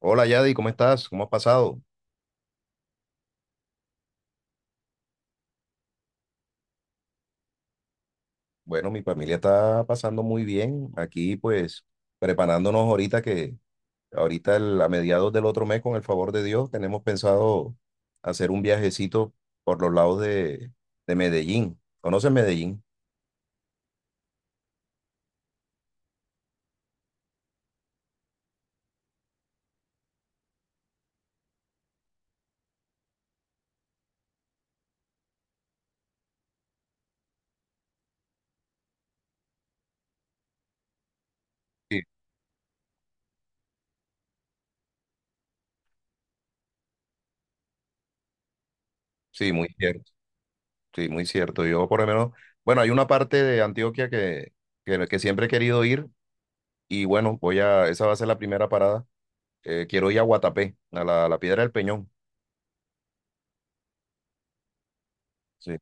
Hola Yadi, ¿cómo estás? ¿Cómo has pasado? Bueno, mi familia está pasando muy bien. Aquí pues preparándonos ahorita que ahorita a mediados del otro mes, con el favor de Dios, tenemos pensado hacer un viajecito por los lados de Medellín. ¿Conoces Medellín? Sí, sí, muy cierto. Sí, muy cierto. Yo por lo menos, bueno, hay una parte de Antioquia que siempre he querido ir y bueno, esa va a ser la primera parada. Quiero ir a Guatapé, a a la Piedra del Peñón. Sí.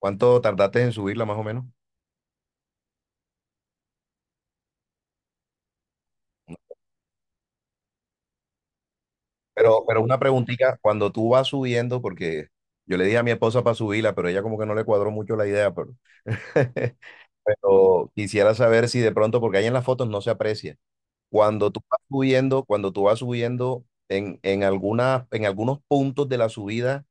¿Cuánto tardaste en subirla más o menos? Pero una preguntita, cuando tú vas subiendo, porque yo le dije a mi esposa para subirla, pero ella como que no le cuadró mucho la idea, pero, pero quisiera saber si de pronto, porque ahí en las fotos no se aprecia, cuando tú vas subiendo, cuando tú vas subiendo en en algunos puntos de la subida,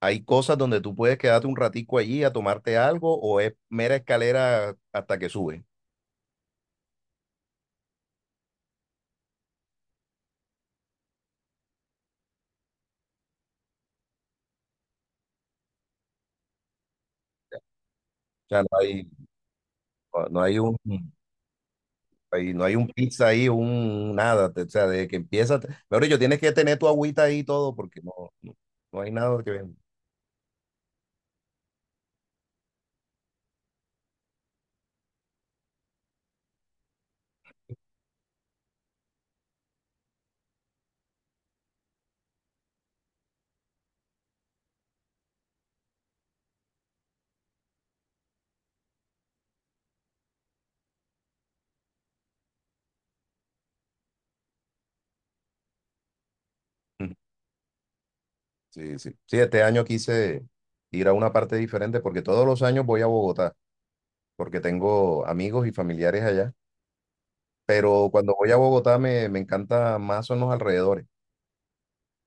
hay cosas donde tú puedes quedarte un ratico allí a tomarte algo o es mera escalera hasta que sube. O sea, no hay, no hay un... Ahí, no hay un pizza ahí, un nada, o sea, de que empieza, te- mejor dicho, tienes que tener tu agüita ahí y todo porque no, no hay nada que venda. Sí, sí. Sí, este año quise ir a una parte diferente porque todos los años voy a Bogotá, porque tengo amigos y familiares allá, pero cuando voy a Bogotá me encanta más son los alrededores.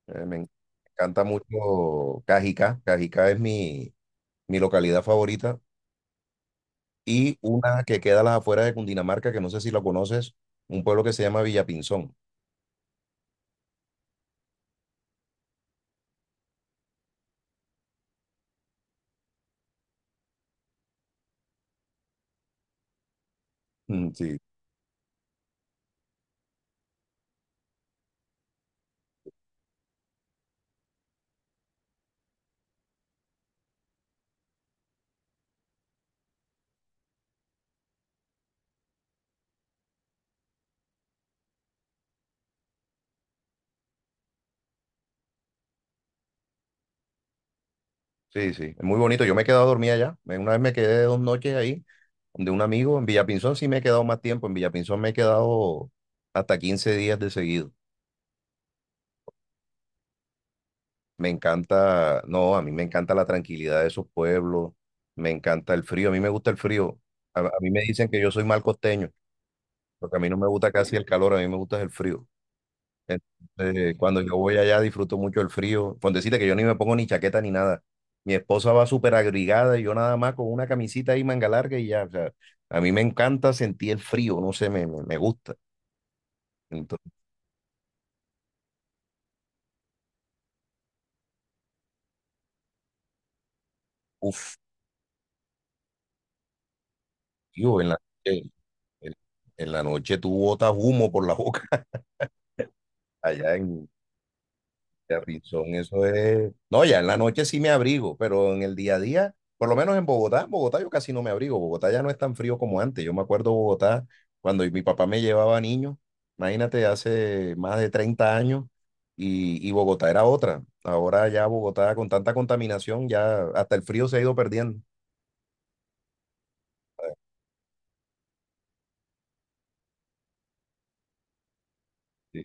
eh, me en- Encanta mucho Cajicá, Cajicá es mi localidad favorita y una que queda a las afueras de Cundinamarca, que no sé si la conoces, un pueblo que se llama Villapinzón. Mm, sí, sí, sí, es muy bonito. Yo me he quedado dormida allá. Me- Una vez me quedé dos noches ahí, de un amigo. En Villapinzón sí me he quedado más tiempo. En Villapinzón me he quedado hasta 15 días de seguido. Me encanta, no, a mí me encanta la tranquilidad de esos pueblos. Me encanta el frío. A mí me gusta el frío. A mí me dicen que yo soy mal costeño, porque a mí no me gusta casi el calor, a mí me gusta el frío. Entonces, cuando yo voy allá disfruto mucho el frío. Con decirte que yo ni me pongo ni chaqueta ni nada. Mi esposa va súper abrigada y yo nada más con una camisita ahí manga larga y ya. O sea, a mí me encanta sentir el frío, no sé, me gusta. Entonces, uff, tío, en, en la noche tú botas humo por la boca. Allá en Terrizón, eso es. No, ya en la noche sí me abrigo, pero en el día a día, por lo menos en Bogotá yo casi no me abrigo. Bogotá ya no es tan frío como antes. Yo me acuerdo Bogotá cuando mi papá me llevaba niño, imagínate, hace más de 30 años, y Bogotá era otra. Ahora ya Bogotá con tanta contaminación, ya hasta el frío se ha ido perdiendo. Sí,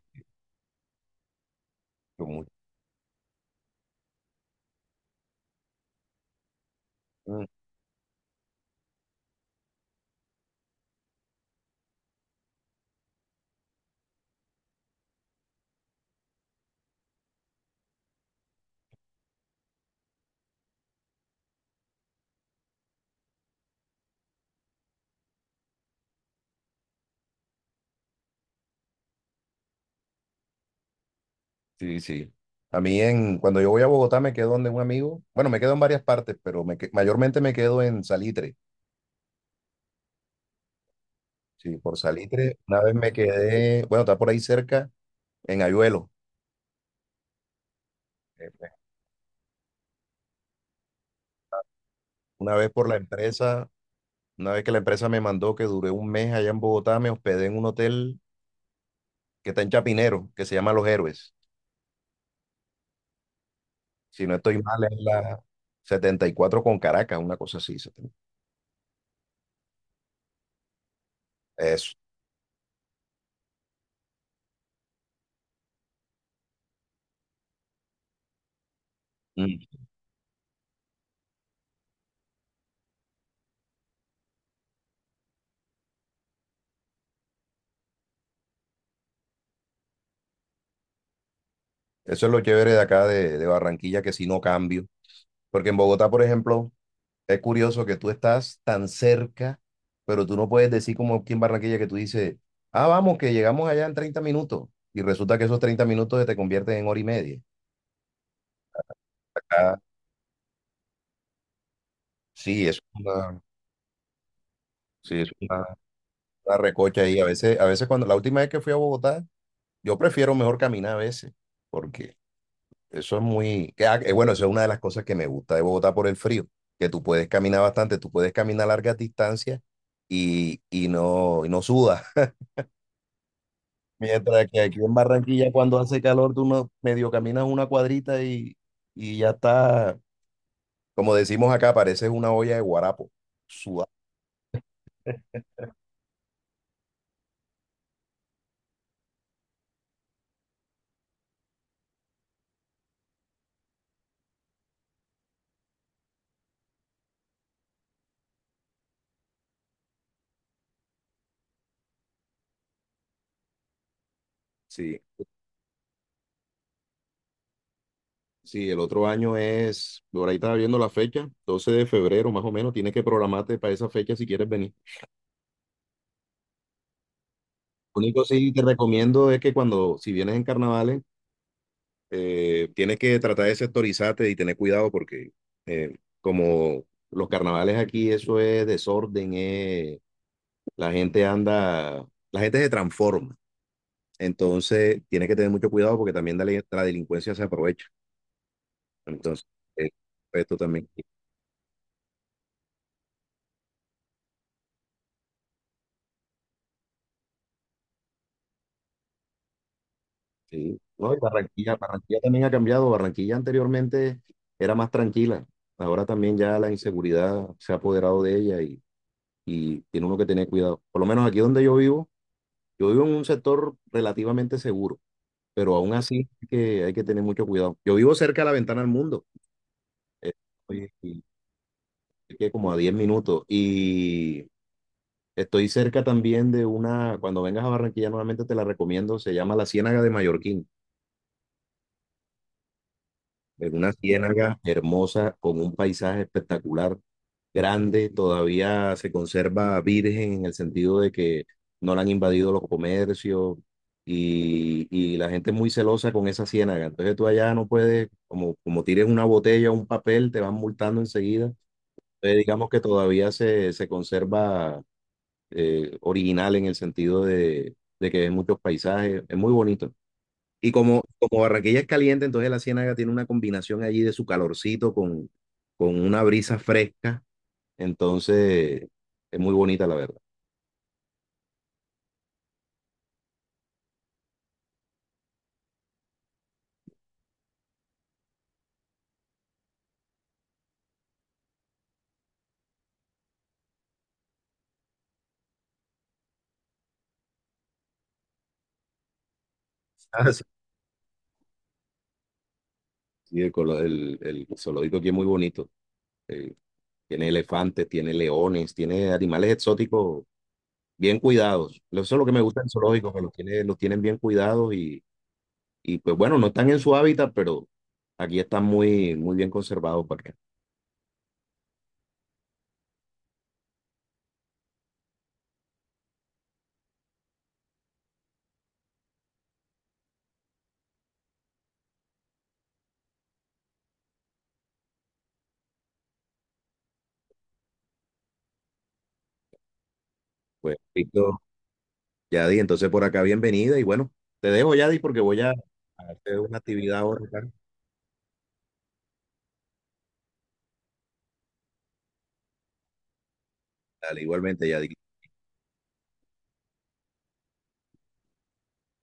yo mucho. Mm, sí, sí. A mí en, cuando yo voy a Bogotá me quedo donde un amigo, bueno, me quedo en varias partes, pero mayormente me quedo en Salitre. Sí, por Salitre, una vez me quedé, bueno, está por ahí cerca, en Ayuelo. Eh, pues, Una vez por la empresa, una vez que la empresa me mandó que duré 1 mes allá en Bogotá, me hospedé en un hotel que está en Chapinero, que se llama Los Héroes. Si no estoy mal, es la 74 con Caracas, una cosa así. 70. Eso. Mm. Eso es lo chévere de acá de Barranquilla, que si no cambio. Porque en Bogotá, por ejemplo, es curioso que tú estás tan cerca, pero tú no puedes decir como aquí en Barranquilla que tú dices, ah, vamos, que llegamos allá en 30 minutos. Y resulta que esos 30 minutos se te convierten en hora y media. Acá, sí, es una, sí, es una recocha ahí. A veces cuando la última vez que fui a Bogotá, yo prefiero mejor caminar a veces, porque eso es muy, que, ah, bueno, eso es una de las cosas que me gusta de Bogotá por el frío, que tú puedes caminar bastante, tú puedes caminar largas distancias y no sudas. Mientras que aquí en Barranquilla, cuando hace calor, tú no- medio caminas una cuadrita y ya está, como decimos acá, pareces una olla de guarapo. Sudado. Sí, sí, el otro año es, por ahí estaba viendo la fecha, 12 de febrero más o menos, tienes que programarte para esa fecha si quieres venir. Lo único sí te recomiendo es que cuando, si vienes en carnavales, tienes que tratar de sectorizarte y tener cuidado porque eh, como los carnavales aquí, eso es desorden, es la gente anda, la gente se transforma. Entonces, tienes que tener mucho cuidado porque también la delincuencia se aprovecha. Entonces, eh, esto también. Sí. Sí. No, y Barranquilla, Barranquilla también ha cambiado. Barranquilla anteriormente era más tranquila. Ahora también ya la inseguridad se ha apoderado de ella y tiene uno que tener cuidado. Por lo menos aquí donde yo vivo en un sector relativamente seguro, pero aún así hay que tener mucho cuidado. Yo vivo cerca de la ventana del mundo. Eh, oye, que como a 10 minutos. Y estoy cerca también de una, cuando vengas a Barranquilla nuevamente te la recomiendo, se llama la Ciénaga de Mallorquín. Es una ciénaga hermosa con un paisaje espectacular, grande, todavía se conserva virgen en el sentido de que no la han invadido los comercios y la gente es muy celosa con esa ciénaga. Entonces tú allá no puedes, como, como tires una botella o un papel, te van multando enseguida. Entonces digamos que todavía se conserva original en el sentido de que ves muchos paisajes, es muy bonito. Y como, como Barranquilla es caliente, entonces la Ciénaga tiene una combinación allí de su calorcito con una brisa fresca, entonces es muy bonita la verdad. Ah, sí. Sí, el zoológico aquí es muy bonito. Eh, tiene elefantes, tiene leones, tiene animales exóticos bien cuidados. Eso es lo que me gusta del zoológico, que los tiene, los tienen bien cuidados. Y pues bueno, no están en su hábitat, pero aquí están muy, muy bien conservados porque, pues, listo, Yadi, entonces por acá bienvenida y bueno, te dejo Yadi porque voy a hacer una actividad ahora. Dale, igualmente Yadi.